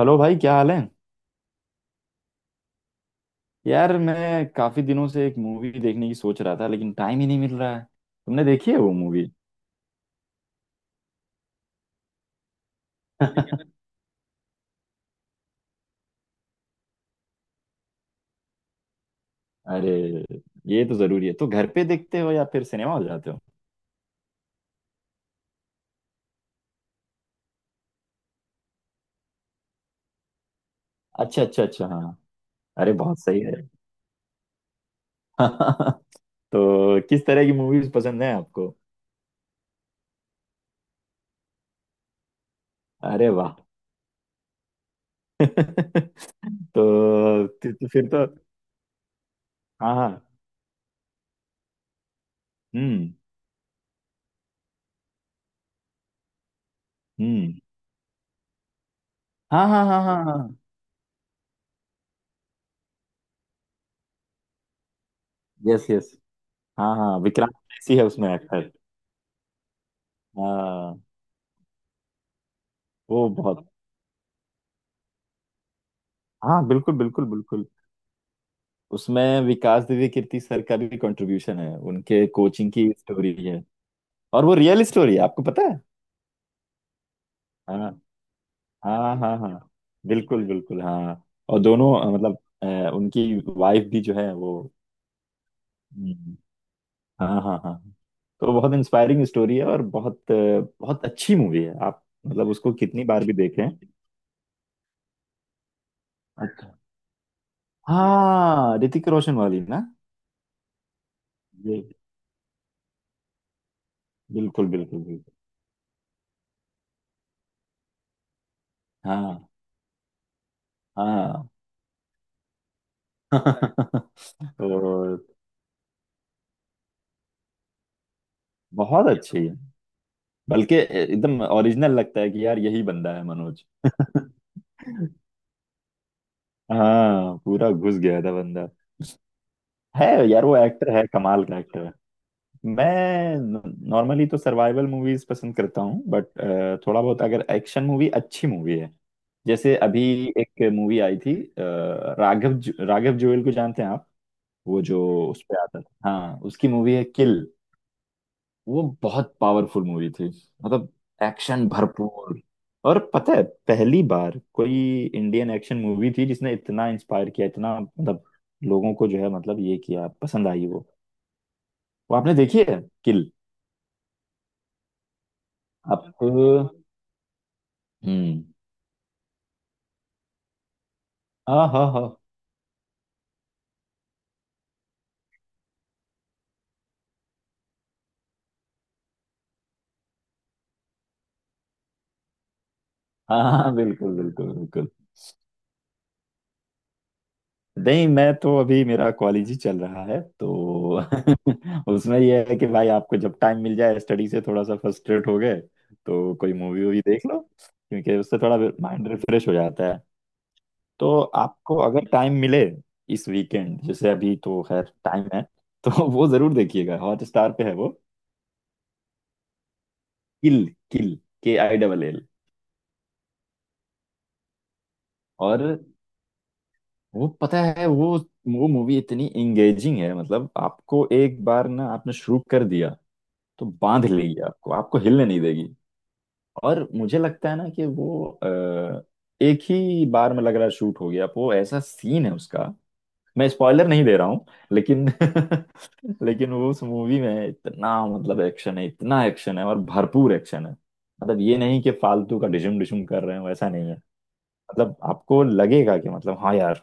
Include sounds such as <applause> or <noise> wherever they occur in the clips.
Hello भाई, क्या हाल है? यार, मैं काफी दिनों से एक मूवी देखने की सोच रहा था, लेकिन टाइम ही नहीं मिल रहा है। तुमने देखी है वो मूवी? अरे, ये तो जरूरी है। तो घर पे देखते हो या फिर सिनेमा हो जाते हो? अच्छा अच्छा अच्छा, हाँ। अरे बहुत सही है। <laughs> तो किस तरह की मूवीज पसंद है आपको? अरे वाह। <laughs> तो, तो फिर तो हाँ हाँ। हम्म। हम्म। हाँ हाँ हाँ हाँ हाँ। Yes yes. हाँ हाँ, विक्रांत मैसी है उसमें एक्टर। हाँ, वो बहुत। हाँ बिल्कुल बिल्कुल बिल्कुल। उसमें विकास दिव्य कीर्ति सर का भी कंट्रीब्यूशन है, उनके कोचिंग की स्टोरी है। और वो रियल स्टोरी है, आपको पता है? हाँ हाँ हाँ हाँ, बिल्कुल बिल्कुल, हाँ। और दोनों मतलब, उनकी वाइफ भी जो है वो। हम्म, हाँ हाँ हाँ। तो बहुत इंस्पायरिंग स्टोरी है और बहुत बहुत अच्छी मूवी है। आप मतलब उसको कितनी बार भी देखें। अच्छा। हाँ, ऋतिक रोशन वाली ना। ये बिल्कुल बिल्कुल बिल्कुल। हाँ हाँ। <laughs> तो बहुत अच्छी है। बल्कि एकदम ओरिजिनल लगता है कि यार, यही बंदा है मनोज। <laughs> हाँ, पूरा घुस गया था बंदा। है यार, वो एक्टर है, कमाल का एक्टर है। मैं नॉर्मली तो सर्वाइवल मूवीज पसंद करता हूँ, बट थोड़ा बहुत अगर एक्शन मूवी अच्छी मूवी है। जैसे अभी एक मूवी आई थी, राघव, राघव जुएल को जानते हैं आप? वो जो उस पे आता था, हाँ, उसकी मूवी है किल। वो बहुत पावरफुल मूवी थी मतलब, एक्शन भरपूर। और पता है, पहली बार कोई इंडियन एक्शन मूवी थी जिसने इतना इंस्पायर किया, इतना मतलब लोगों को जो है, मतलब ये किया, पसंद आई वो। वो आपने देखी है किल? आपको हम्म। हाँ हाँ हाँ, हाँ हाँ, बिल्कुल बिल्कुल बिल्कुल। नहीं, मैं तो अभी मेरा कॉलेज ही चल रहा है तो। <laughs> <laughs> उसमें यह है कि भाई, आपको जब टाइम मिल जाए, स्टडी से थोड़ा सा फ्रस्ट्रेट हो गए तो कोई मूवी वूवी देख लो, क्योंकि उससे थोड़ा माइंड रिफ्रेश हो जाता है। तो आपको अगर टाइम मिले, इस वीकेंड, जैसे अभी तो खैर टाइम है, <laughs> तो वो जरूर देखिएगा। हॉटस्टार पे है वो। Kill. Kill. K I double L. और वो पता है, वो मूवी इतनी एंगेजिंग है मतलब, आपको एक बार ना आपने शुरू कर दिया, तो बांध लेगी आपको, आपको हिलने नहीं देगी। और मुझे लगता है ना कि वो एक ही बार में लग रहा है शूट हो गया, वो ऐसा सीन है उसका। मैं स्पॉइलर नहीं दे रहा हूँ, लेकिन <laughs> लेकिन वो उस मूवी में इतना मतलब एक्शन है, इतना एक्शन है और भरपूर एक्शन है। मतलब ये नहीं कि फालतू का डिशुम डिशुम कर रहे हो, ऐसा नहीं है। मतलब आपको लगेगा कि मतलब हाँ यार,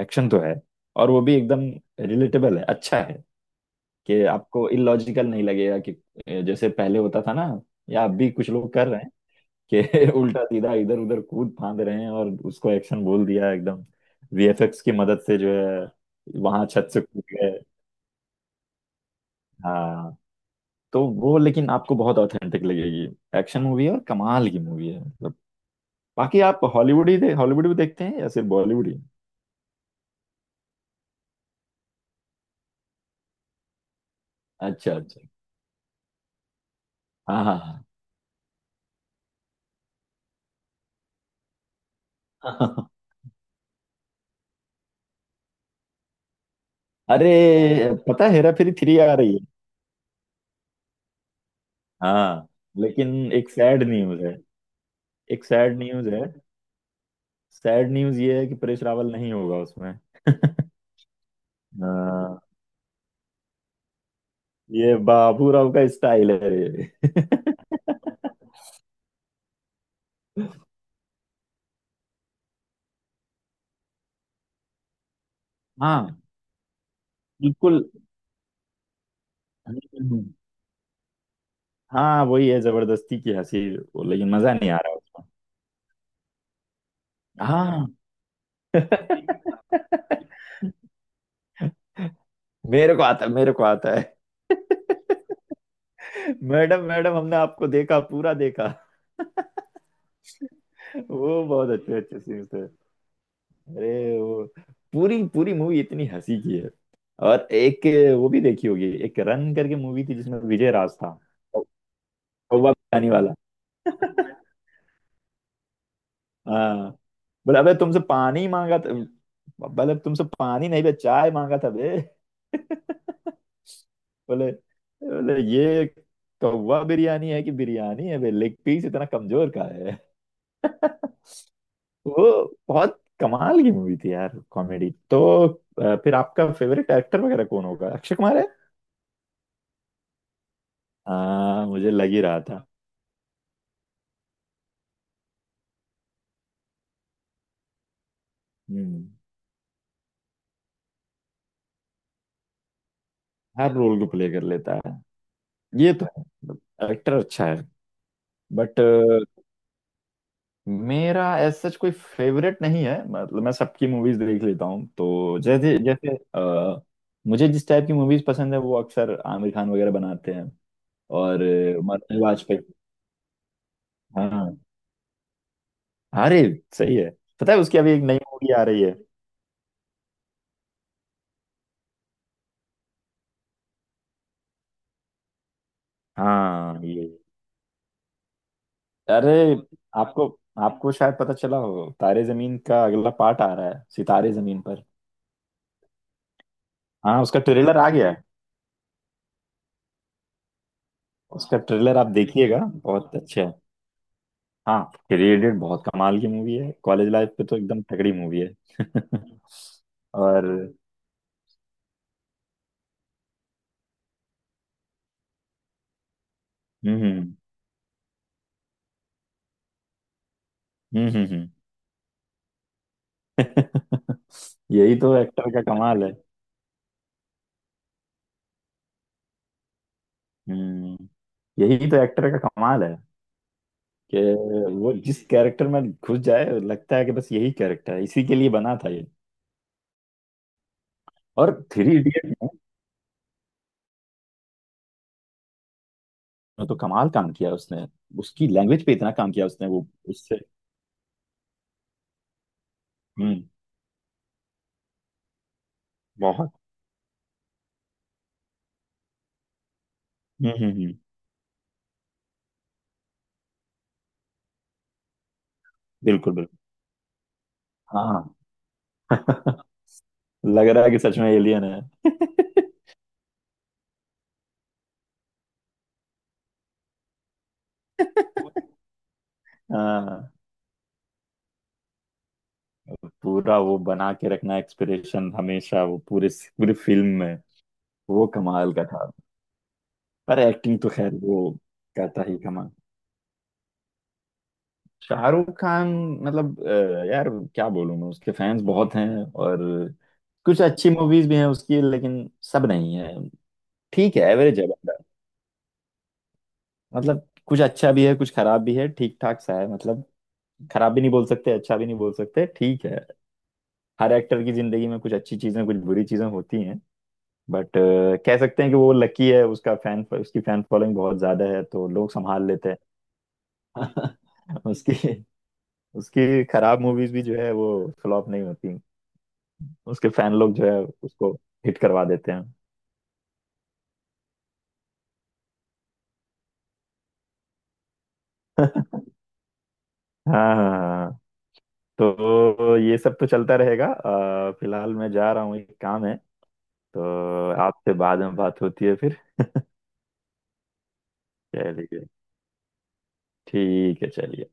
एक्शन तो है, और वो भी एकदम रिलेटेबल है, अच्छा है। कि आपको इलॉजिकल नहीं लगेगा कि जैसे पहले होता था ना, या अब भी कुछ लोग कर रहे हैं कि <laughs> उल्टा सीधा इधर उधर कूद फांद रहे हैं और उसको एक्शन बोल दिया एकदम। वीएफएक्स की मदद से जो है, वहां छत से कूद गए। हाँ, तो वो लेकिन आपको बहुत ऑथेंटिक लगेगी। एक्शन मूवी है और कमाल की मूवी है मतलब। बाकी आप हॉलीवुड भी देखते हैं या सिर्फ बॉलीवुड ही? अच्छा अच्छा, हाँ हाँ हाँ। <laughs> अरे, पता है हेरा फेरी थ्री आ रही है? हाँ, लेकिन एक सैड न्यूज है। एक सैड न्यूज है। सैड न्यूज ये है कि परेश रावल नहीं होगा उसमें। <laughs> आ, ये बाबूराव का स्टाइल है रे। हाँ बिल्कुल। हाँ वही है, जबरदस्ती की हंसी वो, लेकिन मजा नहीं आ रहा उसमें। हाँ, मेरे को आता है, मेरे को आता है। <laughs> मैडम मैडम, हमने आपको देखा, पूरा देखा। <laughs> वो बहुत अच्छे अच्छे सीन्स थे। अरे वो पूरी पूरी मूवी इतनी हंसी की है। और एक, वो भी देखी होगी, एक रन करके मूवी थी जिसमें विजय राज था। कौवा बनाने वाला। <laughs> हाँ, बोला अबे तुमसे पानी मांगा था? बोले तुमसे पानी नहीं बे, चाय मांगा था बे। <laughs> बोले बोले ये कौवा बिरयानी है कि बिरयानी है बे? लेग पीस इतना कमजोर का है। वो बहुत कमाल की मूवी थी यार कॉमेडी तो। फिर आपका फेवरेट एक्टर वगैरह कौन होगा? अक्षय कुमार है? हाँ, मुझे लग ही रहा था। हम्म। हर रोल को प्ले कर लेता है। ये तो है, एक्टर अच्छा है। बट मेरा एज सच कोई फेवरेट नहीं है, मतलब मैं सबकी मूवीज देख लेता हूँ। तो जैसे जैसे मुझे जिस टाइप की मूवीज पसंद है, वो अक्सर आमिर खान वगैरह बनाते हैं। और मरने वाजपेयी। हाँ, अरे सही है। पता है उसकी अभी एक नई मूवी आ रही है? हाँ, ये, अरे आपको, आपको शायद पता चला हो, तारे जमीन का अगला पार्ट आ रहा है, सितारे जमीन पर। हाँ, उसका ट्रेलर आ गया है। उसका ट्रेलर आप देखिएगा, बहुत अच्छा है। हाँ, थ्री इडियट बहुत कमाल की मूवी है, कॉलेज लाइफ पे तो एकदम तगड़ी मूवी है। <laughs> और हम्म हम्म हम्म। <laughs> यही तो एक्टर का कमाल है। हम्म। यही तो एक्टर का कमाल है कि वो जिस कैरेक्टर में घुस जाए, लगता है कि बस यही कैरेक्टर है, इसी के लिए बना था ये। और थ्री इडियट में वो तो कमाल काम किया उसने। उसकी लैंग्वेज पे इतना काम किया उसने, वो उससे हम्म, बहुत। हम्म। बिल्कुल बिल्कुल। हाँ, लग रहा है कि सच में एलियन है। <laughs> हाँ, पूरा वो बना के रखना एक्सपिरेशन हमेशा वो पूरे, पूरी फिल्म में वो कमाल का था। पर एक्टिंग तो खैर वो कहता ही कमाल। शाहरुख खान, मतलब यार, क्या बोलूं, मैं उसके फैंस बहुत हैं। और कुछ अच्छी मूवीज भी हैं उसकी, लेकिन सब नहीं है। ठीक है, एवरेज है बंदा। मतलब कुछ अच्छा भी है, कुछ खराब भी है, ठीक ठाक सा है मतलब। खराब भी नहीं बोल सकते, अच्छा भी नहीं बोल सकते, ठीक है। हर एक्टर की जिंदगी में कुछ अच्छी चीजें, कुछ बुरी चीजें होती हैं। बट कह सकते हैं कि वो लकी है, उसका फैन, उसकी फैन फॉलोइंग बहुत ज्यादा है, तो लोग संभाल लेते हैं। <laughs> उसकी, उसकी खराब मूवीज भी जो है वो फ्लॉप नहीं होती, उसके फैन लोग जो है उसको हिट करवा देते हैं। <laughs> हाँ हाँ हाँ। तो ये सब तो चलता रहेगा। फिलहाल मैं जा रहा हूँ, एक काम है, तो आपसे बाद में बात होती है फिर। <laughs> चलिए। ठीक है, चलिए।